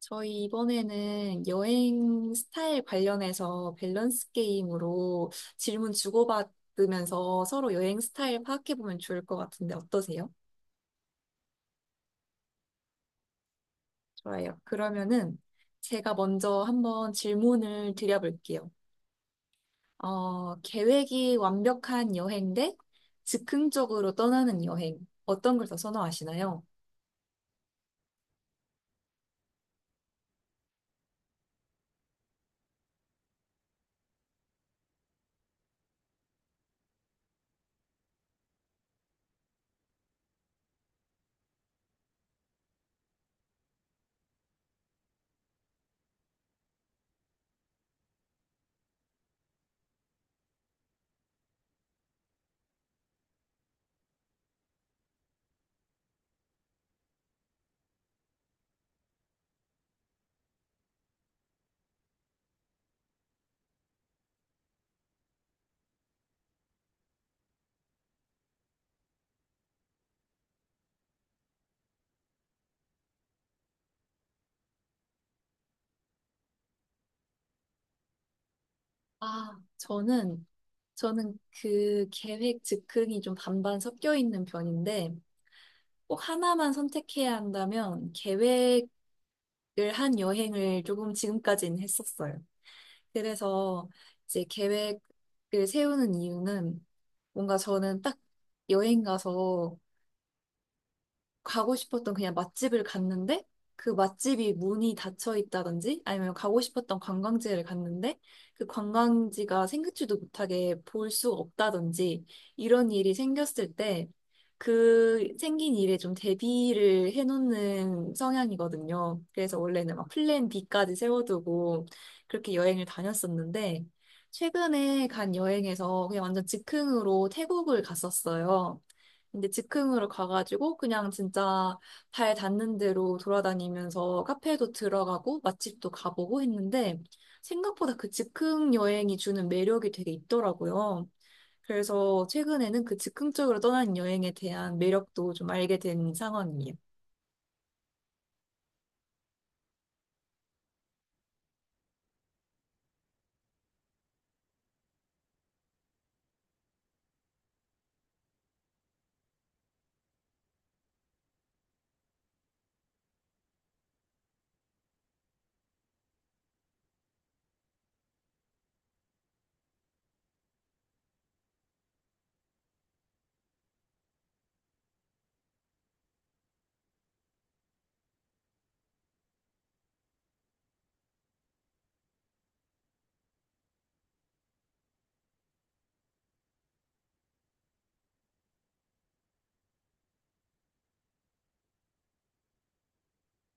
저희 이번에는 여행 스타일 관련해서 밸런스 게임으로 질문 주고받으면서 서로 여행 스타일 파악해보면 좋을 것 같은데 어떠세요? 좋아요. 그러면은 제가 먼저 한번 질문을 드려볼게요. 계획이 완벽한 여행 대 즉흥적으로 떠나는 여행. 어떤 걸 더 선호하시나요? 저는, 저는 그 계획 즉흥이 좀 반반 섞여 있는 편인데, 꼭 하나만 선택해야 한다면 계획을 한 여행을 조금 지금까지는 했었어요. 그래서 이제 계획을 세우는 이유는 뭔가 저는 딱 여행 가서 가고 싶었던 그냥 맛집을 갔는데 그 맛집이 문이 닫혀 있다든지 아니면 가고 싶었던 관광지를 갔는데 그 관광지가 생각지도 못하게 볼 수가 없다든지 이런 일이 생겼을 때 그 생긴 일에 좀 대비를 해놓는 성향이거든요. 그래서 원래는 막 플랜 B까지 세워두고 그렇게 여행을 다녔었는데 최근에 간 여행에서 그냥 완전 즉흥으로 태국을 갔었어요. 근데 즉흥으로 가가지고 그냥 진짜 발 닿는 대로 돌아다니면서 카페도 들어가고 맛집도 가보고 했는데 생각보다 그 즉흥 여행이 주는 매력이 되게 있더라고요. 그래서 최근에는 그 즉흥적으로 떠난 여행에 대한 매력도 좀 알게 된 상황이에요.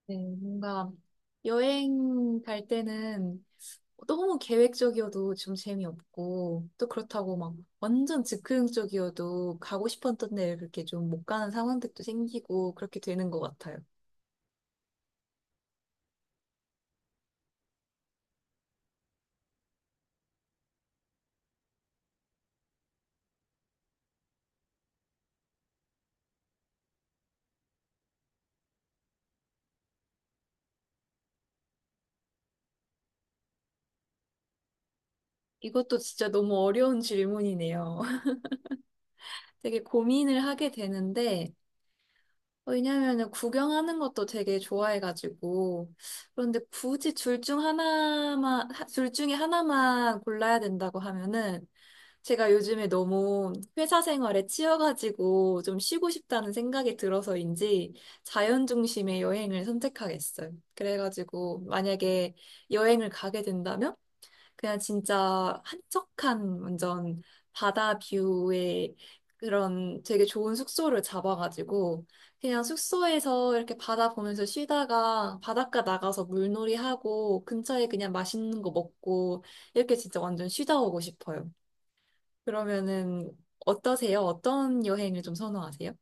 네, 뭔가 여행 갈 때는 너무 계획적이어도 좀 재미없고, 또 그렇다고 막 완전 즉흥적이어도 가고 싶었던 데 그렇게 좀 못 가는 상황들도 생기고, 그렇게 되는 것 같아요. 이것도 진짜 너무 어려운 질문이네요. 되게 고민을 하게 되는데, 왜냐면은 구경하는 것도 되게 좋아해가지고, 그런데 굳이 둘 중 하나만, 둘 중에 하나만 골라야 된다고 하면은, 제가 요즘에 너무 회사 생활에 치여가지고 좀 쉬고 싶다는 생각이 들어서인지 자연 중심의 여행을 선택하겠어요. 그래가지고 만약에 여행을 가게 된다면 그냥 진짜 한적한 완전 바다 뷰의 그런 되게 좋은 숙소를 잡아가지고 그냥 숙소에서 이렇게 바다 보면서 쉬다가 바닷가 나가서 물놀이하고 근처에 그냥 맛있는 거 먹고 이렇게 진짜 완전 쉬다 오고 싶어요. 그러면은 어떠세요? 어떤 여행을 좀 선호하세요?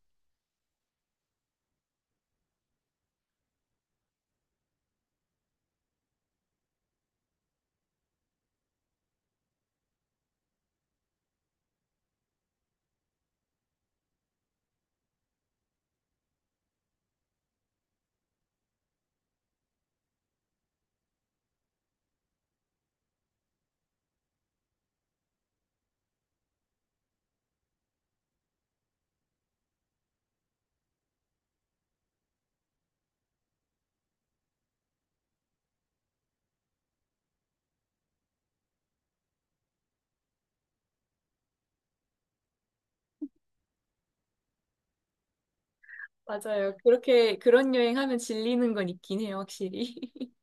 맞아요. 그렇게 그런 여행하면 질리는 건 있긴 해요, 확실히.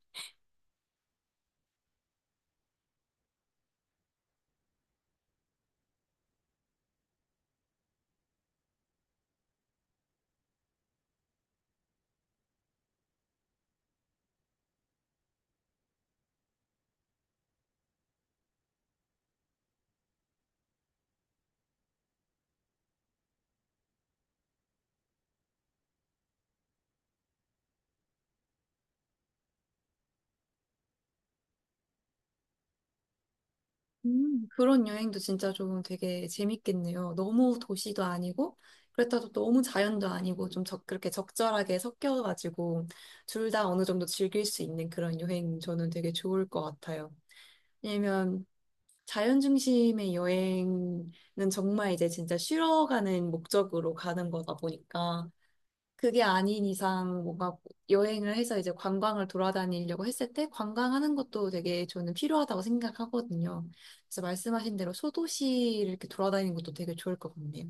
그런 여행도 진짜 좀 되게 재밌겠네요. 너무 도시도 아니고, 그렇다고 또 너무 자연도 아니고, 좀 적, 그렇게 적절하게 섞여가지고, 둘 다 어느 정도 즐길 수 있는 그런 여행 저는 되게 좋을 것 같아요. 왜냐면, 자연 중심의 여행은 정말 이제 진짜 쉬러 가는 목적으로 가는 거다 보니까, 그게 아닌 이상 뭔가 여행을 해서 이제 관광을 돌아다니려고 했을 때 관광하는 것도 되게 저는 필요하다고 생각하거든요. 그래서 말씀하신 대로 소도시를 이렇게 돌아다니는 것도 되게 좋을 것 같네요.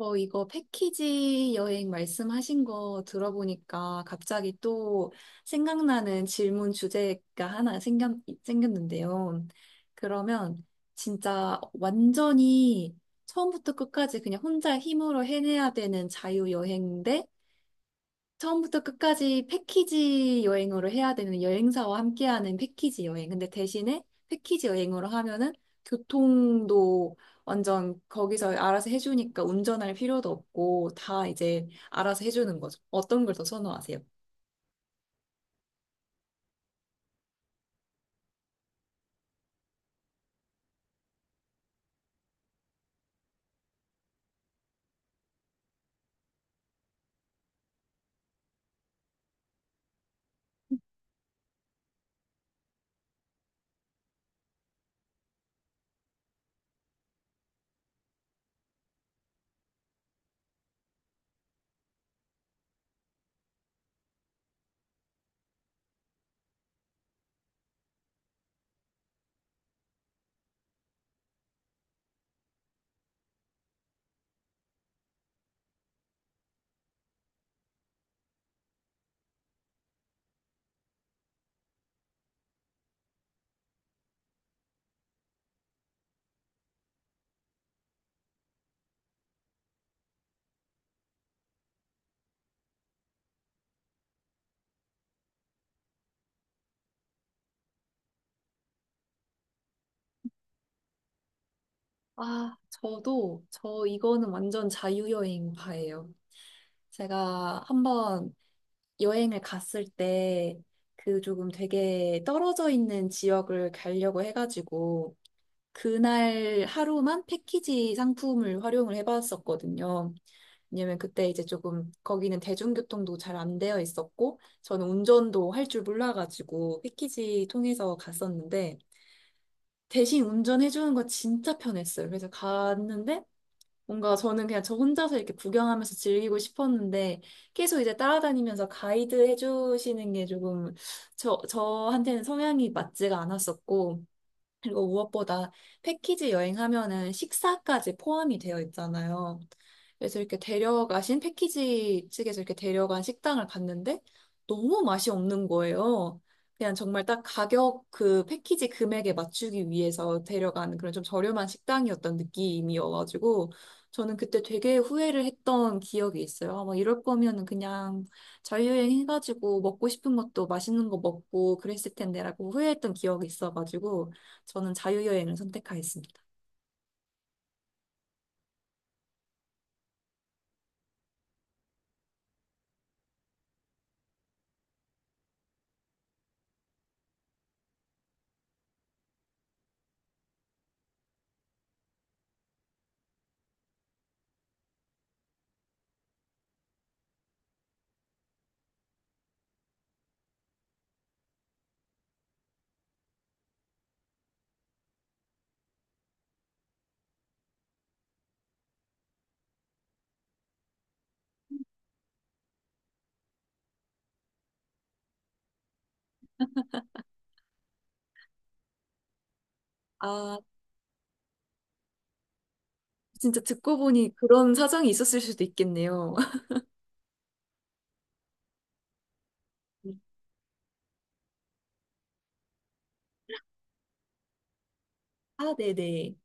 이거 패키지 여행 말씀하신 거 들어보니까 갑자기 또 생각나는 질문 주제가 하나 생겼는데요. 그러면 진짜 완전히 처음부터 끝까지 그냥 혼자 힘으로 해내야 되는 자유여행 대 처음부터 끝까지 패키지 여행으로 해야 되는 여행사와 함께하는 패키지 여행. 근데 대신에 패키지 여행으로 하면은 교통도 완전 거기서 알아서 해주니까 운전할 필요도 없고 다 이제 알아서 해주는 거죠. 어떤 걸 더 선호하세요? 아, 저도 저 이거는 완전 자유여행 파예요. 제가 한번 여행을 갔을 때 그 조금 되게 떨어져 있는 지역을 가려고 해가지고 그날 하루만 패키지 상품을 활용을 해봤었거든요. 왜냐면 그때 이제 조금 거기는 대중교통도 잘 안 되어 있었고 저는 운전도 할 줄 몰라가지고 패키지 통해서 갔었는데 대신 운전해주는 거 진짜 편했어요. 그래서 갔는데 뭔가 저는 그냥 저 혼자서 이렇게 구경하면서 즐기고 싶었는데 계속 이제 따라다니면서 가이드 해주시는 게 조금 저한테는 성향이 맞지가 않았었고 그리고 무엇보다 패키지 여행하면은 식사까지 포함이 되어 있잖아요. 그래서 이렇게 데려가신 패키지 측에서 이렇게 데려간 식당을 갔는데 너무 맛이 없는 거예요. 그냥 정말 딱 가격 그 패키지 금액에 맞추기 위해서 데려간 그런 좀 저렴한 식당이었던 느낌이어가지고 저는 그때 되게 후회를 했던 기억이 있어요. 막 이럴 거면은 그냥 자유여행 해가지고 먹고 싶은 것도 맛있는 거 먹고 그랬을 텐데라고 후회했던 기억이 있어가지고 저는 자유여행을 선택하겠습니다. 아, 진짜 듣고 보니 그런 사정이 있었을 수도 있겠네요. 아, 네네.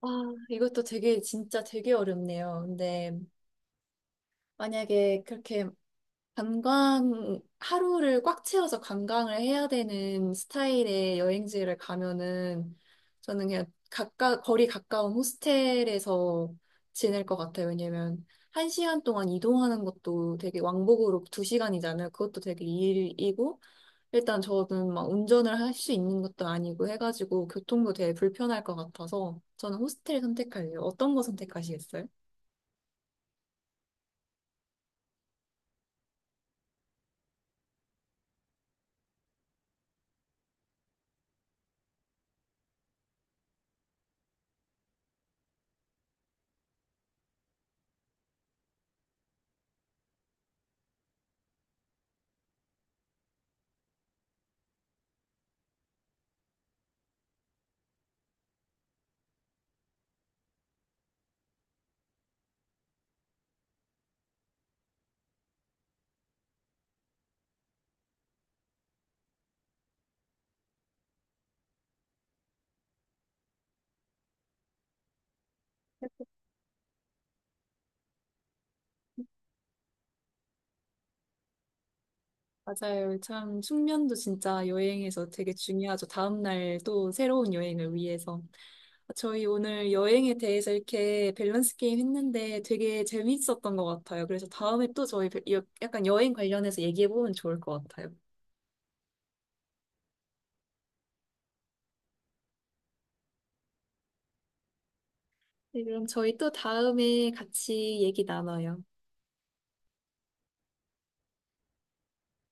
아, 이것도 되게, 진짜 되게 어렵네요. 근데 만약에 그렇게 관광, 하루를 꽉 채워서 관광을 해야 되는 스타일의 여행지를 가면은 저는 그냥 거리 가까운 호스텔에서 지낼 것 같아요. 왜냐면 한 시간 동안 이동하는 것도 되게 왕복으로 두 시간이잖아요. 그것도 되게 일이고, 일단 저는 막 운전을 할 수 있는 것도 아니고 해가지고 교통도 되게 불편할 것 같아서 저는 호스텔 선택할래요. 어떤 거 선택하시겠어요? 맞아요. 참 숙면도 진짜 여행에서 되게 중요하죠. 다음날 또 새로운 여행을 위해서. 저희 오늘 여행에 대해서 이렇게 밸런스 게임 했는데 되게 재밌었던 것 같아요. 그래서 다음에 또 저희 약간 여행 관련해서 얘기해보면 좋을 것 같아요. 네, 그럼 저희 또 다음에 같이 얘기 나눠요.